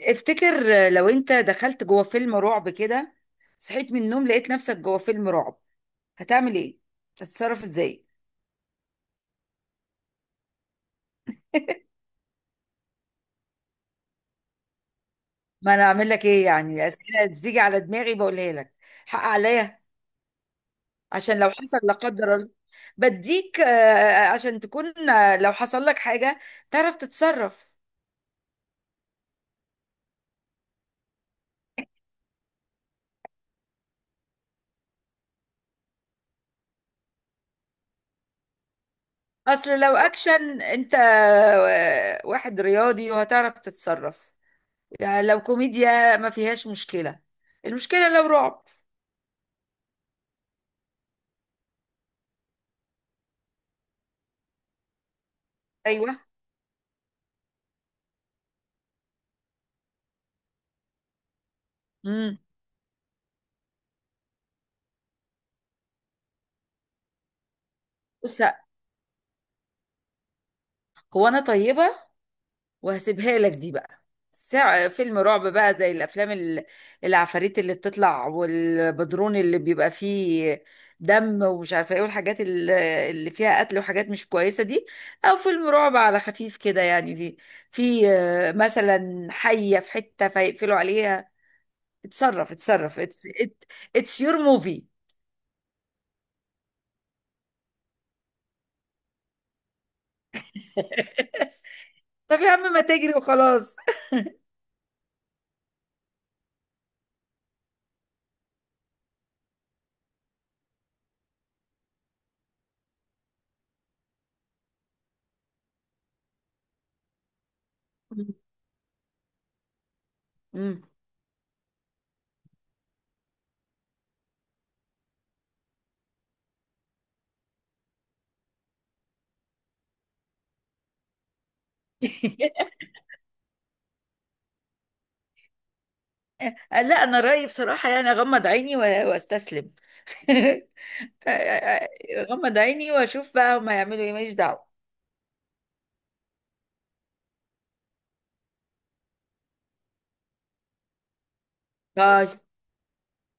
افتكر لو انت دخلت جوه فيلم رعب كده، صحيت من النوم لقيت نفسك جوه فيلم رعب، هتعمل ايه؟ هتتصرف ازاي؟ ما انا اعمل لك ايه؟ يعني الاسئله بتيجي على دماغي بقولها لك. حق عليا. عشان لو حصل لا قدر الله بديك، عشان تكون، لو حصل لك حاجه تعرف تتصرف. اصل لو اكشن انت واحد رياضي وهتعرف تتصرف. يعني لو كوميديا ما فيهاش مشكله. المشكله لو رعب. ايوه. بص، لأ، هو انا طيبه وهسيبها لك دي بقى. ساعة فيلم رعب بقى زي الافلام العفاريت اللي بتطلع والبدرون اللي بيبقى فيه دم ومش عارفه ايه والحاجات اللي فيها قتل وحاجات مش كويسه دي. او فيلم رعب على خفيف كده، يعني في مثلا حيه في حته فيقفلوا عليها. اتصرف اتصرف. اتس يور موفي. طب يا عم ما تجري وخلاص. مم. لا انا رايي بصراحه يعني اغمض عيني واستسلم. اغمض عيني واشوف بقى هما يعملوا ايه، ماليش دعوه. طيب،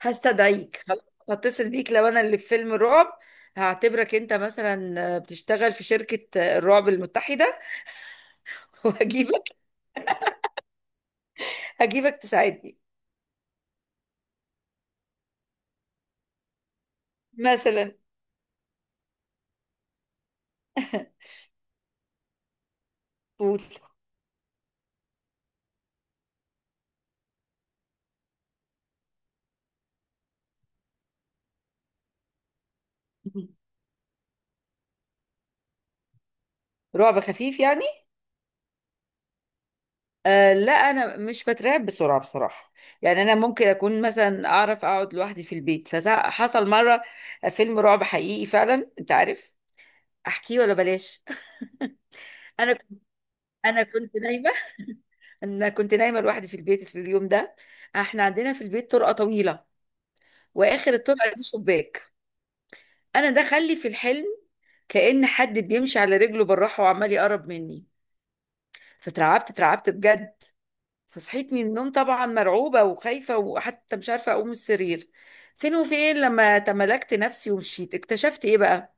هستدعيك خلاص. هتصل بيك لو انا اللي في فيلم الرعب. هعتبرك انت مثلا بتشتغل في شركه، الرعب المتحده. وهجيبك. تساعدني مثلا. قول. رعب خفيف يعني. لا انا مش بترعب بسرعه بصراحه. يعني انا ممكن اكون مثلا اعرف اقعد لوحدي في البيت، فحصل مره فيلم رعب حقيقي فعلا. انت عارف، احكيه ولا بلاش؟ انا انا كنت نايمه. انا كنت نايمه لوحدي في البيت في اليوم ده. احنا عندنا في البيت طرقه طويله، واخر الطرقه دي شباك. انا ده خلي في الحلم كأن حد بيمشي على رجله بالراحه وعمال يقرب مني. اترعبت بجد. فصحيت من النوم طبعا مرعوبة وخايفة، وحتى مش عارفة أقوم من السرير. فين وفين لما تملكت نفسي ومشيت اكتشفت إيه بقى؟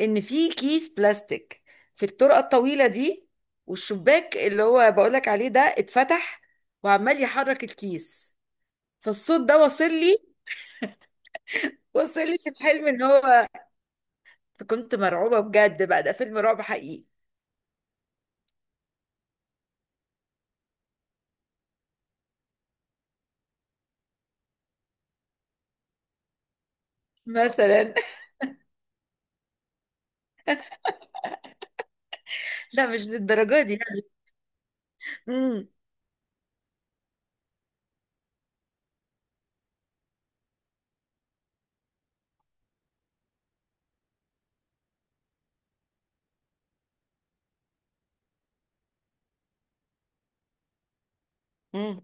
إن في كيس بلاستيك في الطرقة الطويلة دي، والشباك اللي هو بقولك عليه ده اتفتح وعمال يحرك الكيس، فالصوت ده وصل لي. وصل لي في الحلم إن هو. فكنت مرعوبة بجد، بقى ده فيلم رعب حقيقي. مثلا. لا مش للدرجة دي يعني. امم. امم.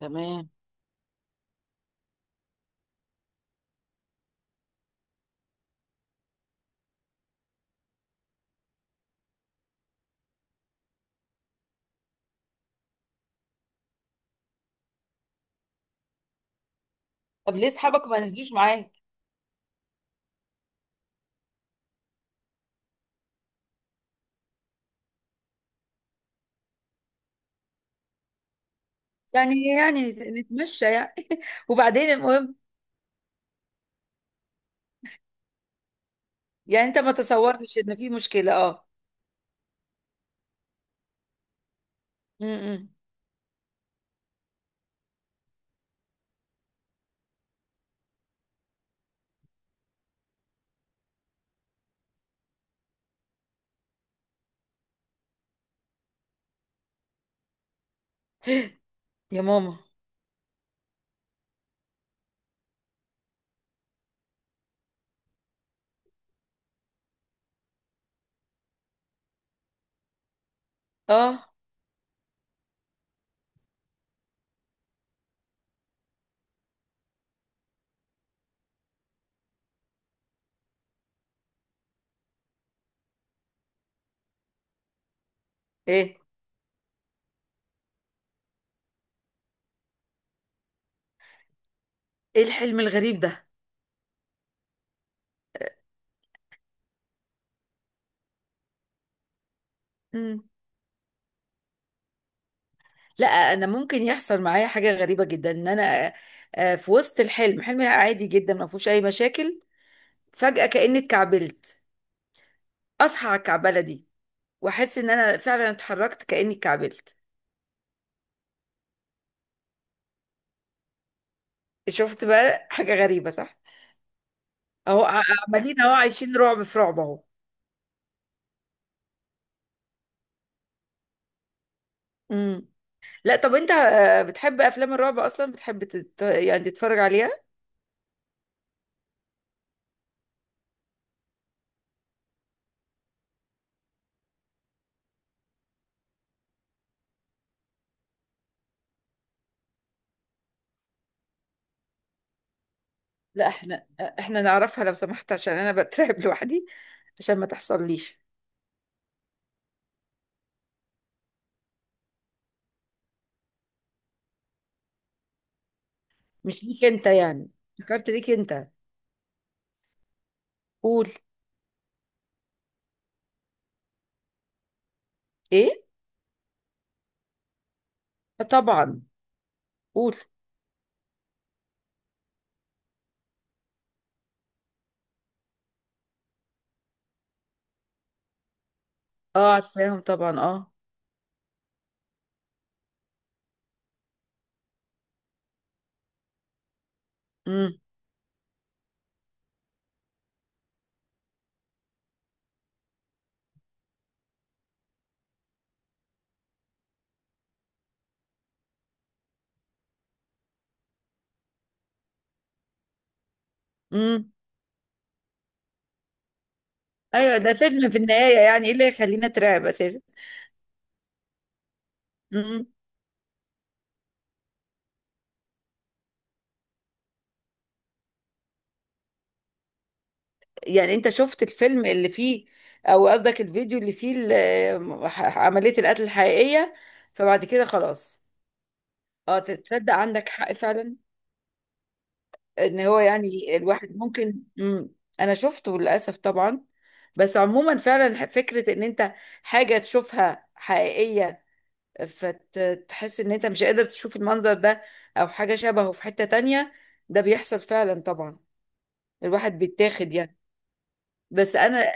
تمام. طب ليه أصحابك ما نزلوش معاك؟ يعني نتمشى يعني. وبعدين، المهم. يعني انت ما تصورتش ان في مشكلة؟ اه. امم. يا ماما. اه. ايه ايه الحلم الغريب ده؟ امم. لا انا ممكن يحصل معايا حاجة غريبة جدا ان انا، في وسط الحلم، حلم عادي جدا ما فيهوش اي مشاكل، فجأة كأني اتكعبلت. اصحى على الكعبلة دي واحس ان انا فعلا اتحركت كأني اتكعبلت. شفت بقى حاجة غريبة، صح؟ اهو عمالين اهو عايشين رعب في رعب اهو. امم. لا طب انت بتحب افلام الرعب اصلا؟ بتحب يعني تتفرج عليها؟ لا احنا نعرفها لو سمحت، عشان انا بترعب لوحدي، عشان ما تحصليش. مش ليك انت يعني. فكرت ليك انت. قول. ايه؟ طبعا. قول. اه، عارفاهم طبعا. اه. امم. امم. ايوه ده فيلم في النهايه، يعني ايه اللي يخلينا اترعب اساسا؟ امم. يعني انت شفت الفيلم اللي فيه، او قصدك الفيديو اللي فيه عمليه القتل الحقيقيه؟ فبعد كده خلاص. اه تصدق عندك حق فعلا. ان هو يعني الواحد ممكن. مم. انا شفته للاسف طبعا. بس عموما، فعلا، فكره ان انت حاجه تشوفها حقيقيه فتحس ان انت مش قادر تشوف المنظر ده، او حاجه شبهه في حته تانية، ده بيحصل فعلا طبعا. الواحد بيتاخد يعني. بس انا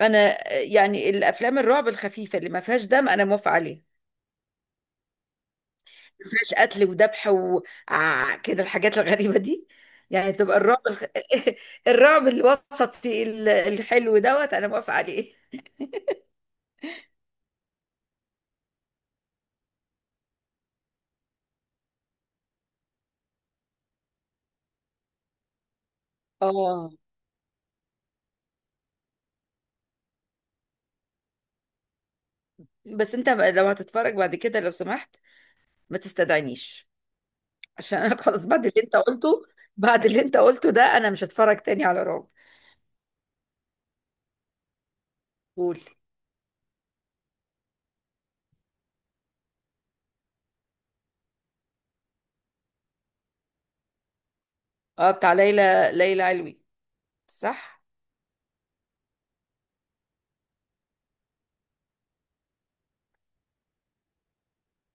انا يعني الافلام الرعب الخفيفه اللي ما فيهاش دم انا موافقه عليها. ما فيهاش قتل وذبح وكده الحاجات الغريبة دي. يعني بتبقى الرعب الرعب الوسطي الحلو دوت انا موافقة عليه. اه. بس انت لو هتتفرج بعد كده، لو سمحت ما تستدعينيش، عشان انا خلاص بعد اللي انت قلته. بعد اللي انت قلته ده انا مش هتفرج تاني على رعب. قول. اه، بتاع ليلى علوي، صح.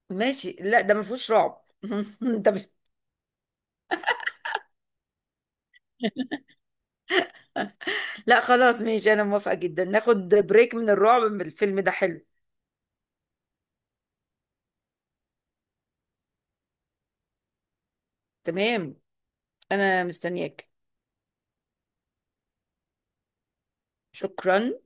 ماشي. لا ده ما فيهوش رعب. انت مش. لا خلاص، ماشي، انا موافقة جدا، ناخد بريك من الرعب، من الفيلم ده. حلو. تمام. انا مستنياك. شكرا.